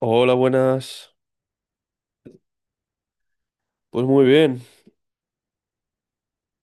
Hola, buenas. Pues muy bien.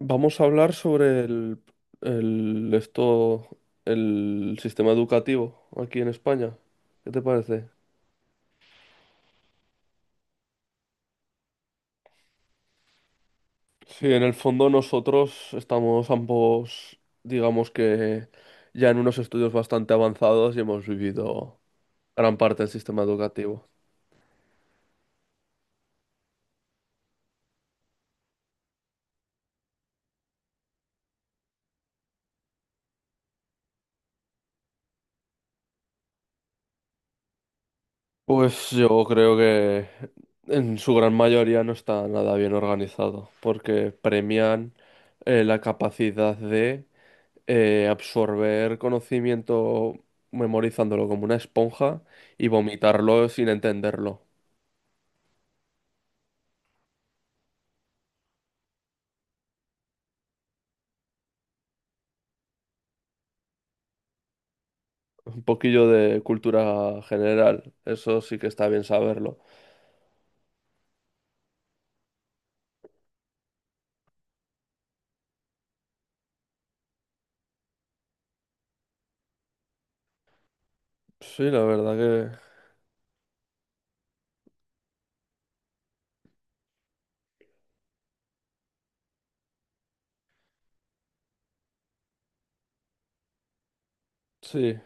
Vamos a hablar sobre el- esto, el sistema educativo aquí en España. ¿Qué te parece? Sí, en el fondo nosotros estamos ambos, digamos que ya en unos estudios bastante avanzados y hemos vivido gran parte del sistema educativo. Pues yo creo que en su gran mayoría no está nada bien organizado, porque premian la capacidad de absorber conocimiento memorizándolo como una esponja y vomitarlo sin entenderlo. Un poquillo de cultura general, eso sí que está bien saberlo. Sí, la verdad que sí.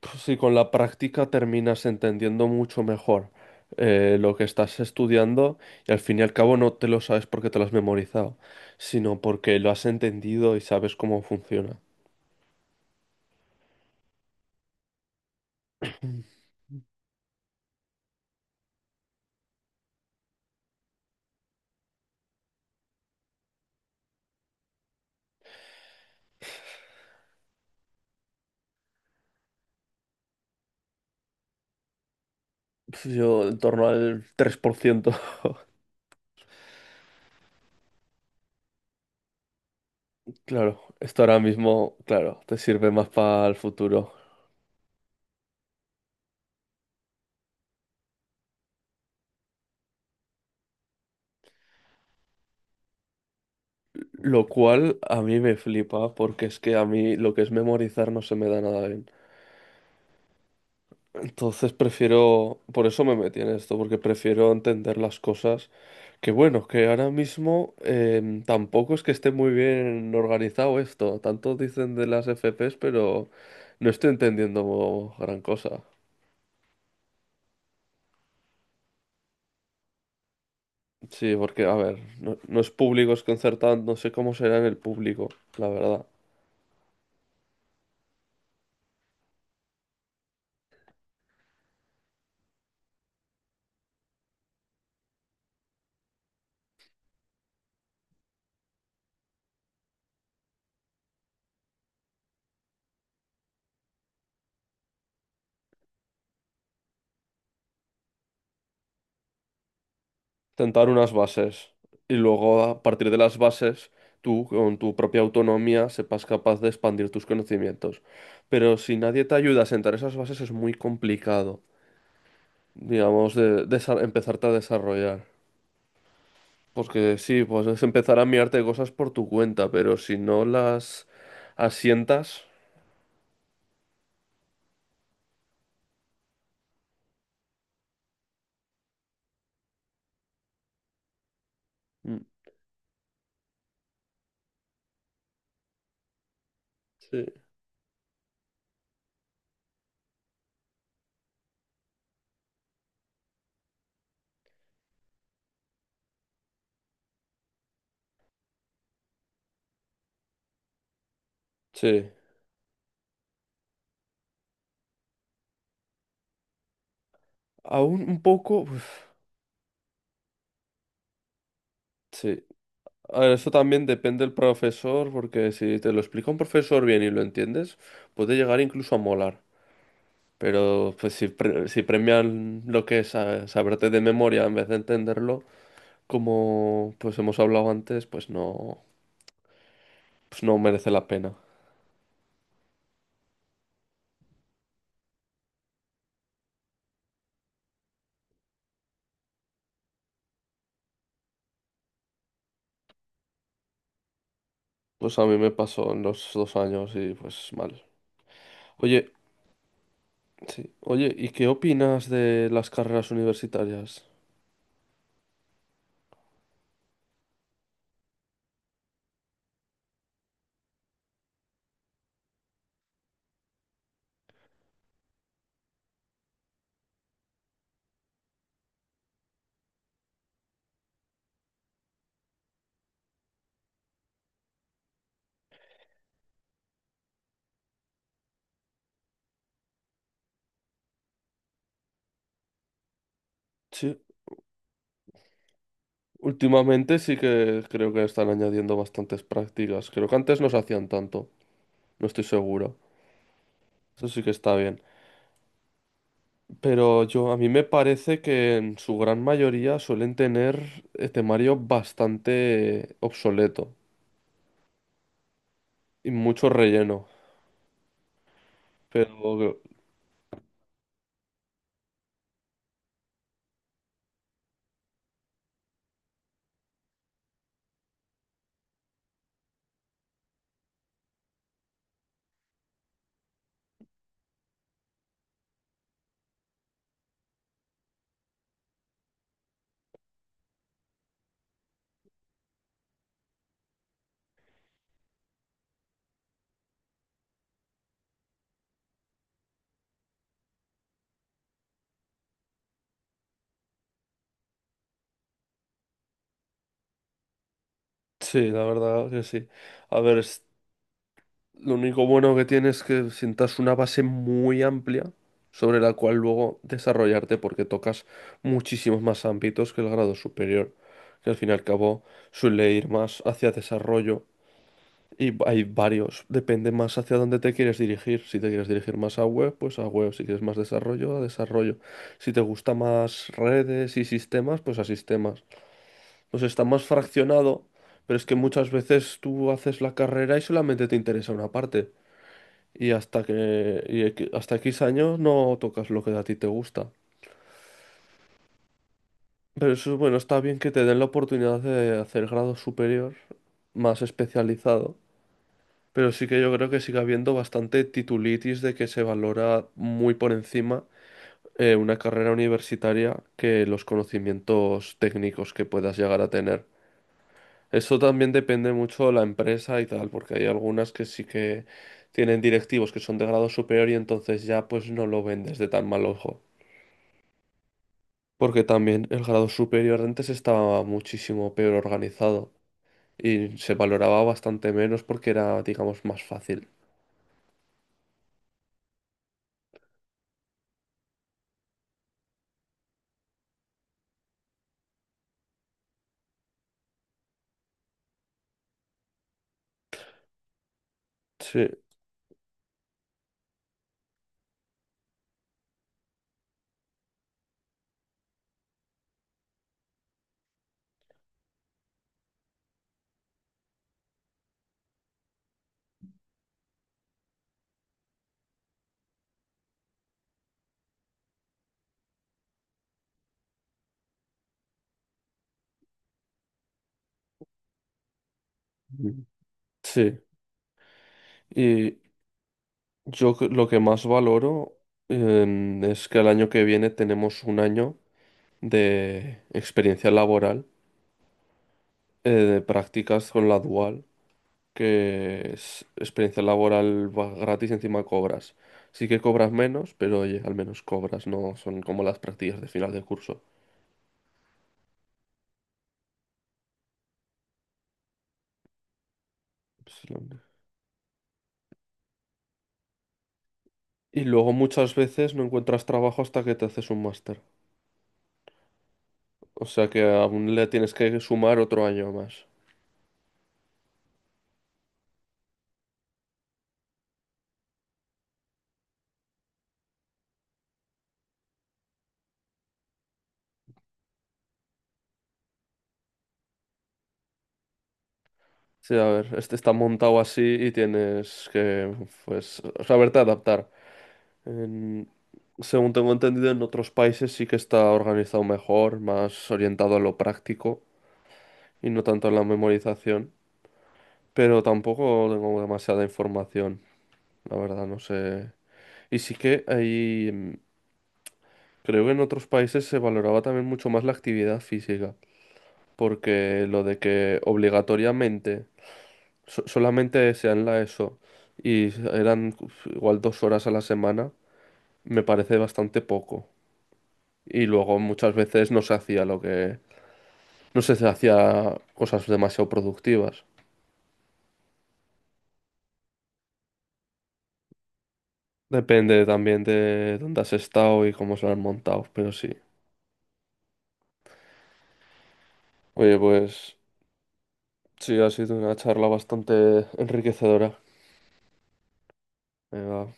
Pues sí, con la práctica terminas entendiendo mucho mejor lo que estás estudiando y al fin y al cabo no te lo sabes porque te lo has memorizado, sino porque lo has entendido y sabes cómo funciona. Pues yo en torno al 3%. Claro, esto ahora mismo, claro, te sirve más para el futuro. Lo cual a mí me flipa porque es que a mí lo que es memorizar no se me da nada bien. Entonces prefiero, por eso me metí en esto, porque prefiero entender las cosas. Que bueno, que ahora mismo tampoco es que esté muy bien organizado esto. Tanto dicen de las FPs, pero no estoy entendiendo gran cosa. Sí, porque a ver, no, no es público, es concertado, no sé cómo será en el público, la verdad. Tentar unas bases y luego a partir de las bases tú con tu propia autonomía sepas capaz de expandir tus conocimientos. Pero si nadie te ayuda a sentar esas bases es muy complicado, digamos, empezarte a desarrollar. Porque sí, pues es empezar a mirarte cosas por tu cuenta, pero si no las asientas. Mm, sí, sí. Aún un poco, uf, sí. A ver, eso también depende del profesor, porque si te lo explica un profesor bien y lo entiendes, puede llegar incluso a molar. Pero pues si premian lo que es saberte de memoria en vez de entenderlo, como pues hemos hablado antes, pues no merece la pena. Pues a mí me pasó en los 2 años y pues mal. Oye, sí. Oye, ¿y qué opinas de las carreras universitarias? Sí, últimamente sí que creo que están añadiendo bastantes prácticas. Creo que antes no se hacían tanto. No estoy seguro. Eso sí que está bien. Pero yo, a mí me parece que en su gran mayoría suelen tener temario bastante obsoleto y mucho relleno. Pero sí, la verdad que sí. A ver, lo único bueno que tiene es que sientas una base muy amplia sobre la cual luego desarrollarte porque tocas muchísimos más ámbitos que el grado superior, que al fin y al cabo suele ir más hacia desarrollo. Y hay varios, depende más hacia dónde te quieres dirigir. Si te quieres dirigir más a web, pues a web. Si quieres más desarrollo, a desarrollo. Si te gusta más redes y sistemas, pues a sistemas. Pues está más fraccionado, pero es que muchas veces tú haces la carrera y solamente te interesa una parte. Y hasta que, y equi- hasta X años no tocas lo que a ti te gusta. Pero eso, bueno, está bien que te den la oportunidad de hacer grado superior más especializado. Pero sí que yo creo que sigue habiendo bastante titulitis de que se valora muy por encima una carrera universitaria que los conocimientos técnicos que puedas llegar a tener. Eso también depende mucho de la empresa y tal, porque hay algunas que sí que tienen directivos que son de grado superior y entonces ya pues no lo ven desde tan mal ojo. Porque también el grado superior antes estaba muchísimo peor organizado y se valoraba bastante menos porque era, digamos, más fácil. Sí. Mm. Sí. Y lo que más valoro es que el año que viene tenemos un año de experiencia laboral, de prácticas con la dual, que es experiencia laboral va gratis, y encima cobras. Sí que cobras menos, pero oye, al menos cobras, no son como las prácticas de final de curso. Pues, lo- Y luego muchas veces no encuentras trabajo hasta que te haces un máster. O sea que aún le tienes que sumar otro año más. Sí, a ver, este está montado así y tienes que, pues, saberte adaptar. En- Según tengo entendido, en otros países sí que está organizado mejor, más orientado a lo práctico y no tanto a la memorización. Pero tampoco tengo demasiada información, la verdad, no sé. Y sí que ahí, creo que en otros países se valoraba también mucho más la actividad física, porque lo de que obligatoriamente solamente desean la ESO y eran uf, igual 2 horas a la semana, me parece bastante poco. Y luego muchas veces no se hacía lo que, no se hacía cosas demasiado productivas. Depende también de dónde has estado y cómo se lo han montado, pero sí. Oye, pues sí, ha sido una charla bastante enriquecedora. Me